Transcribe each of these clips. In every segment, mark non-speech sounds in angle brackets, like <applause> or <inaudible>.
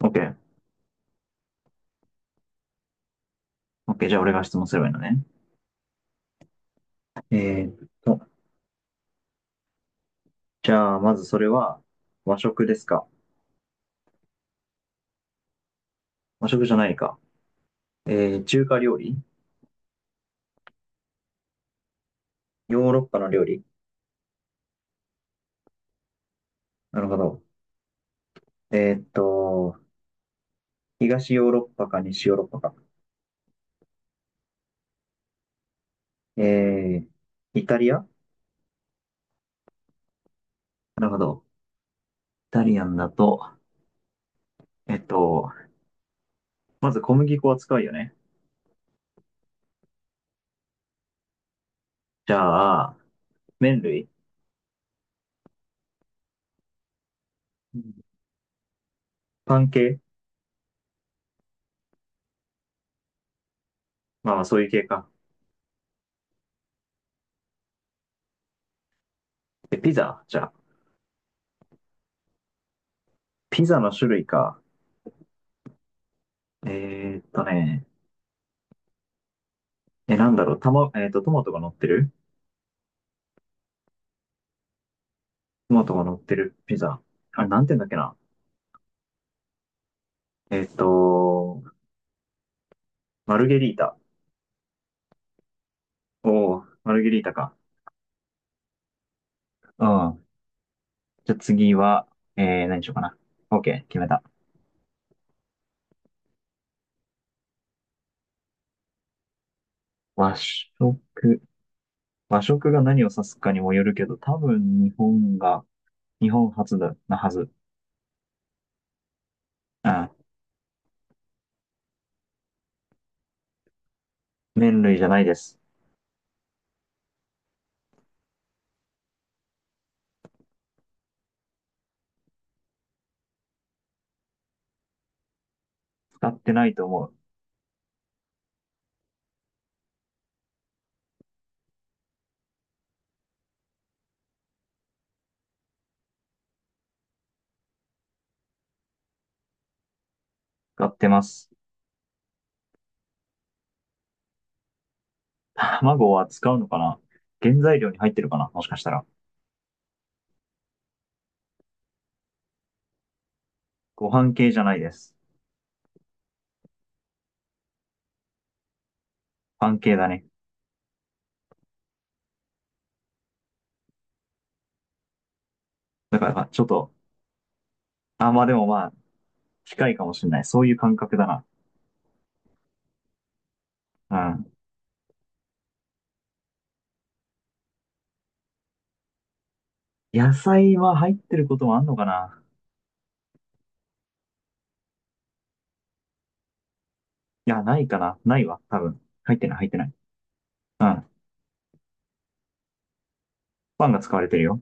OK。OK。じゃあ俺が質問すればいいのね。えーっと、じゃあまずそれは和食ですか？和食じゃないか。中華料理？ヨーロッパの料理？なるほど。えーっと、東ヨーロッパか西ヨーロッパか？えー、イタリア？なるほど。イタリアンだと、えっと、まず小麦粉は使うよね？じゃあ、麺類？うん、パン系？まあまあそういう系か。え、ピザ？じゃあ、ピザの種類か。ね、え、なんだろう、たま、えっと、トマトが乗ってる？トマトが乗ってるピザ。あれ、なんて言うんだっけな。えっと、マルゲリータ。おー、マルゲリータか。うん。じゃあ次は、何しようかな。OK、決めた。和食。和食が何を指すかにもよるけど、多分日本が、日本初だ、なはず。うん。麺類じゃないです。使ってないと思う。使ってます。卵は使うのかな？原材料に入ってるかな、もしかしたら。ご飯系じゃないです。パン系だね。だから、ちょっと、あ、まあでもまあ、近いかもしれない。そういう感覚だな。うん。野菜は入ってることもあんのかな？いや、ないかな。ないわ、多分。入ってない、入ってない。うん。パンが使われてるよ。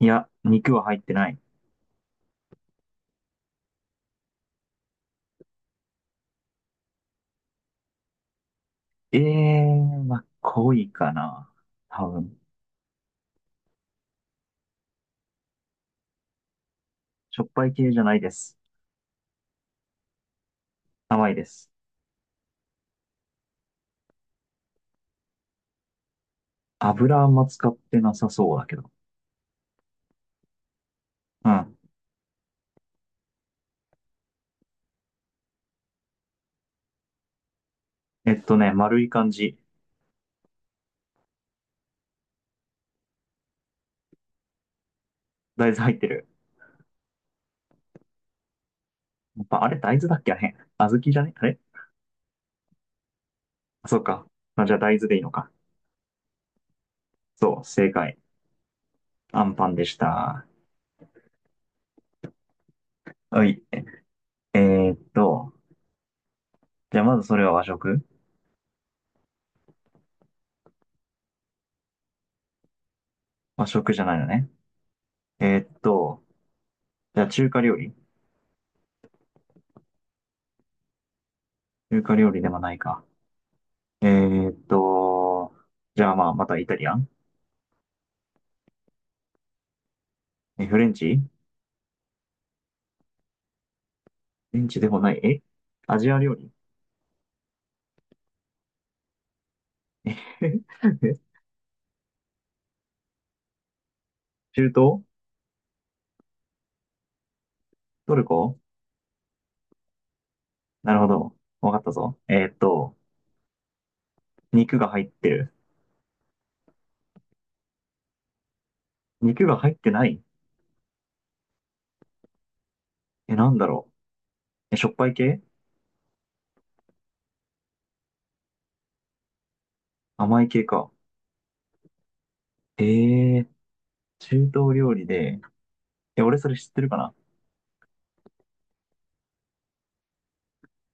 いや、肉は入ってない。ええー、まあ、濃いかな。多分。しょっぱい系じゃないです。甘いです。油あんま使ってなさそうだけど。うん。えっとね、丸い感じ。大豆入ってる。やっぱ、あれ大豆だっけあれ。小豆じゃねあれ？あ、そうか。あ、じゃあ大豆でいいのか。そう、正解。アンパンでした。はい。えーっと、じゃあまずそれは和食？和食じゃないのね。えーっと、じゃあ中華料理？中華料理でもないか。えーっと、じゃあまあまたイタリアン？え、フレンチ？フレンチでもない。え、アジア料理？えへへえ <laughs> 中東？トルコ？なるほど。わかったぞ。肉が入ってる？肉が入ってない？え、なんだろう。え、しょっぱい系？甘い系か。えー、中東料理で、え、俺それ知ってるかな？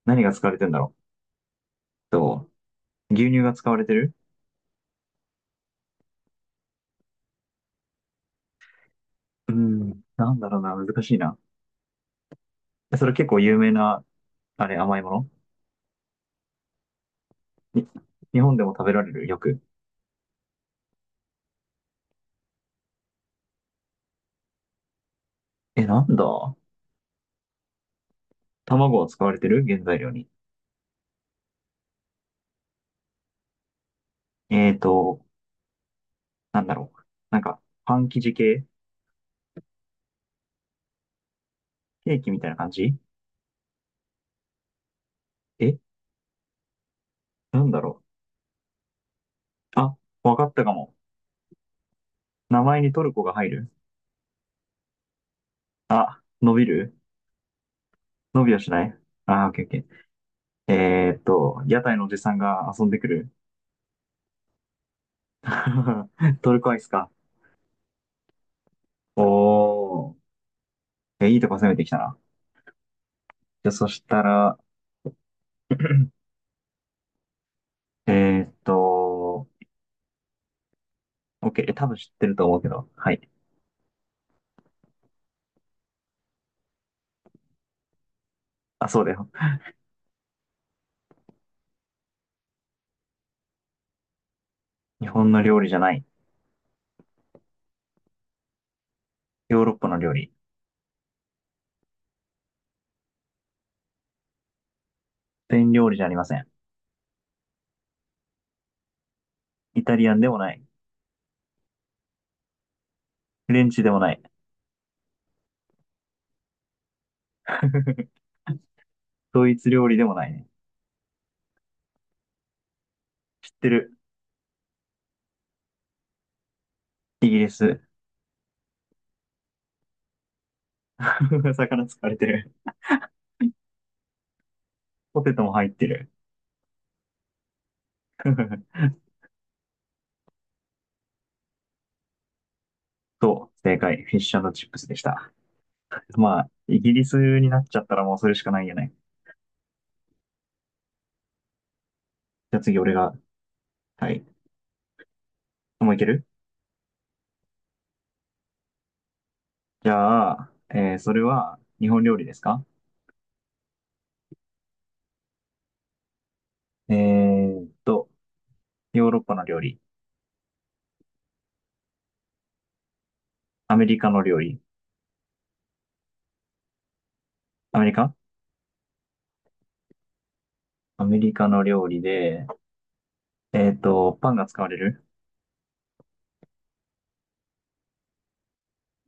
何が使われてんだろう。と、牛乳が使われてる？うん。なんだろうな、難しいな。えそれ結構有名な、あれ、甘いものに日本でも食べられるよく。え、なんだ、卵は使われてる？原材料に。えーと、なんだろう。なんか、パン生地系？ケーキみたいな感じ？え、なんだろう。あ、わかったかも。名前にトルコが入る？あ、伸びる？伸びはしない？あー、オッケーオッケー。屋台のおじさんが遊んでくる。<laughs> トルコアイスか。おー。え、いいとこ攻めてきたな。じゃあ、そしたら、えーっと、OK。え、多分知ってると思うけど。はい。あ、そうだよ。日本の料理じゃない。ヨーロッパの料理。スペイン料理じゃありません。イタリアンでもない。フレンチでもない。<laughs> ドイツ料理でもないね。知ってる。イギリス。<laughs> 魚使われてる。ポテトも入ってる。<laughs> そう、正解。フィッシュチップスでした。まあ、イギリスになっちゃったらもうそれしかないよね。じゃあ次俺が、はい。もういける？じゃあ、えーそれは日本料理ですか？えーっと、ヨーロッパの料理、アメリカの料理、アメリカ？アメリカの料理で、パンが使われる？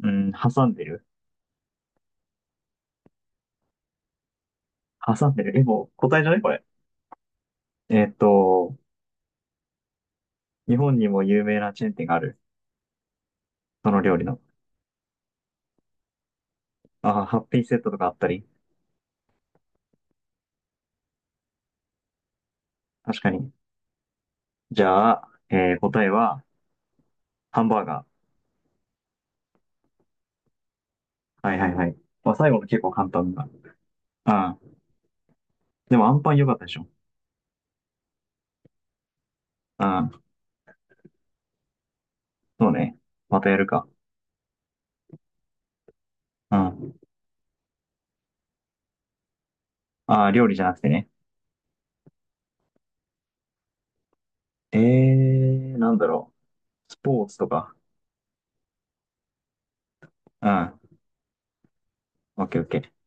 うん、挟んでる？挟んでるえ、もう答えじゃないこれ。えーっと、日本にも有名なチェーン店がある。その料理の。あー、ハッピーセットとかあったり。確かに。じゃあ、えー答えは、ハンバーガー。はいはいはい。まあ、最後の結構簡単だ。うん。でも、アンパン良かったでしょ。うん。そうね。またやるか。うん。ああ、料理じゃなくてね。ええー、なんだろう。スポーツとか。うん。オッケーオッケー。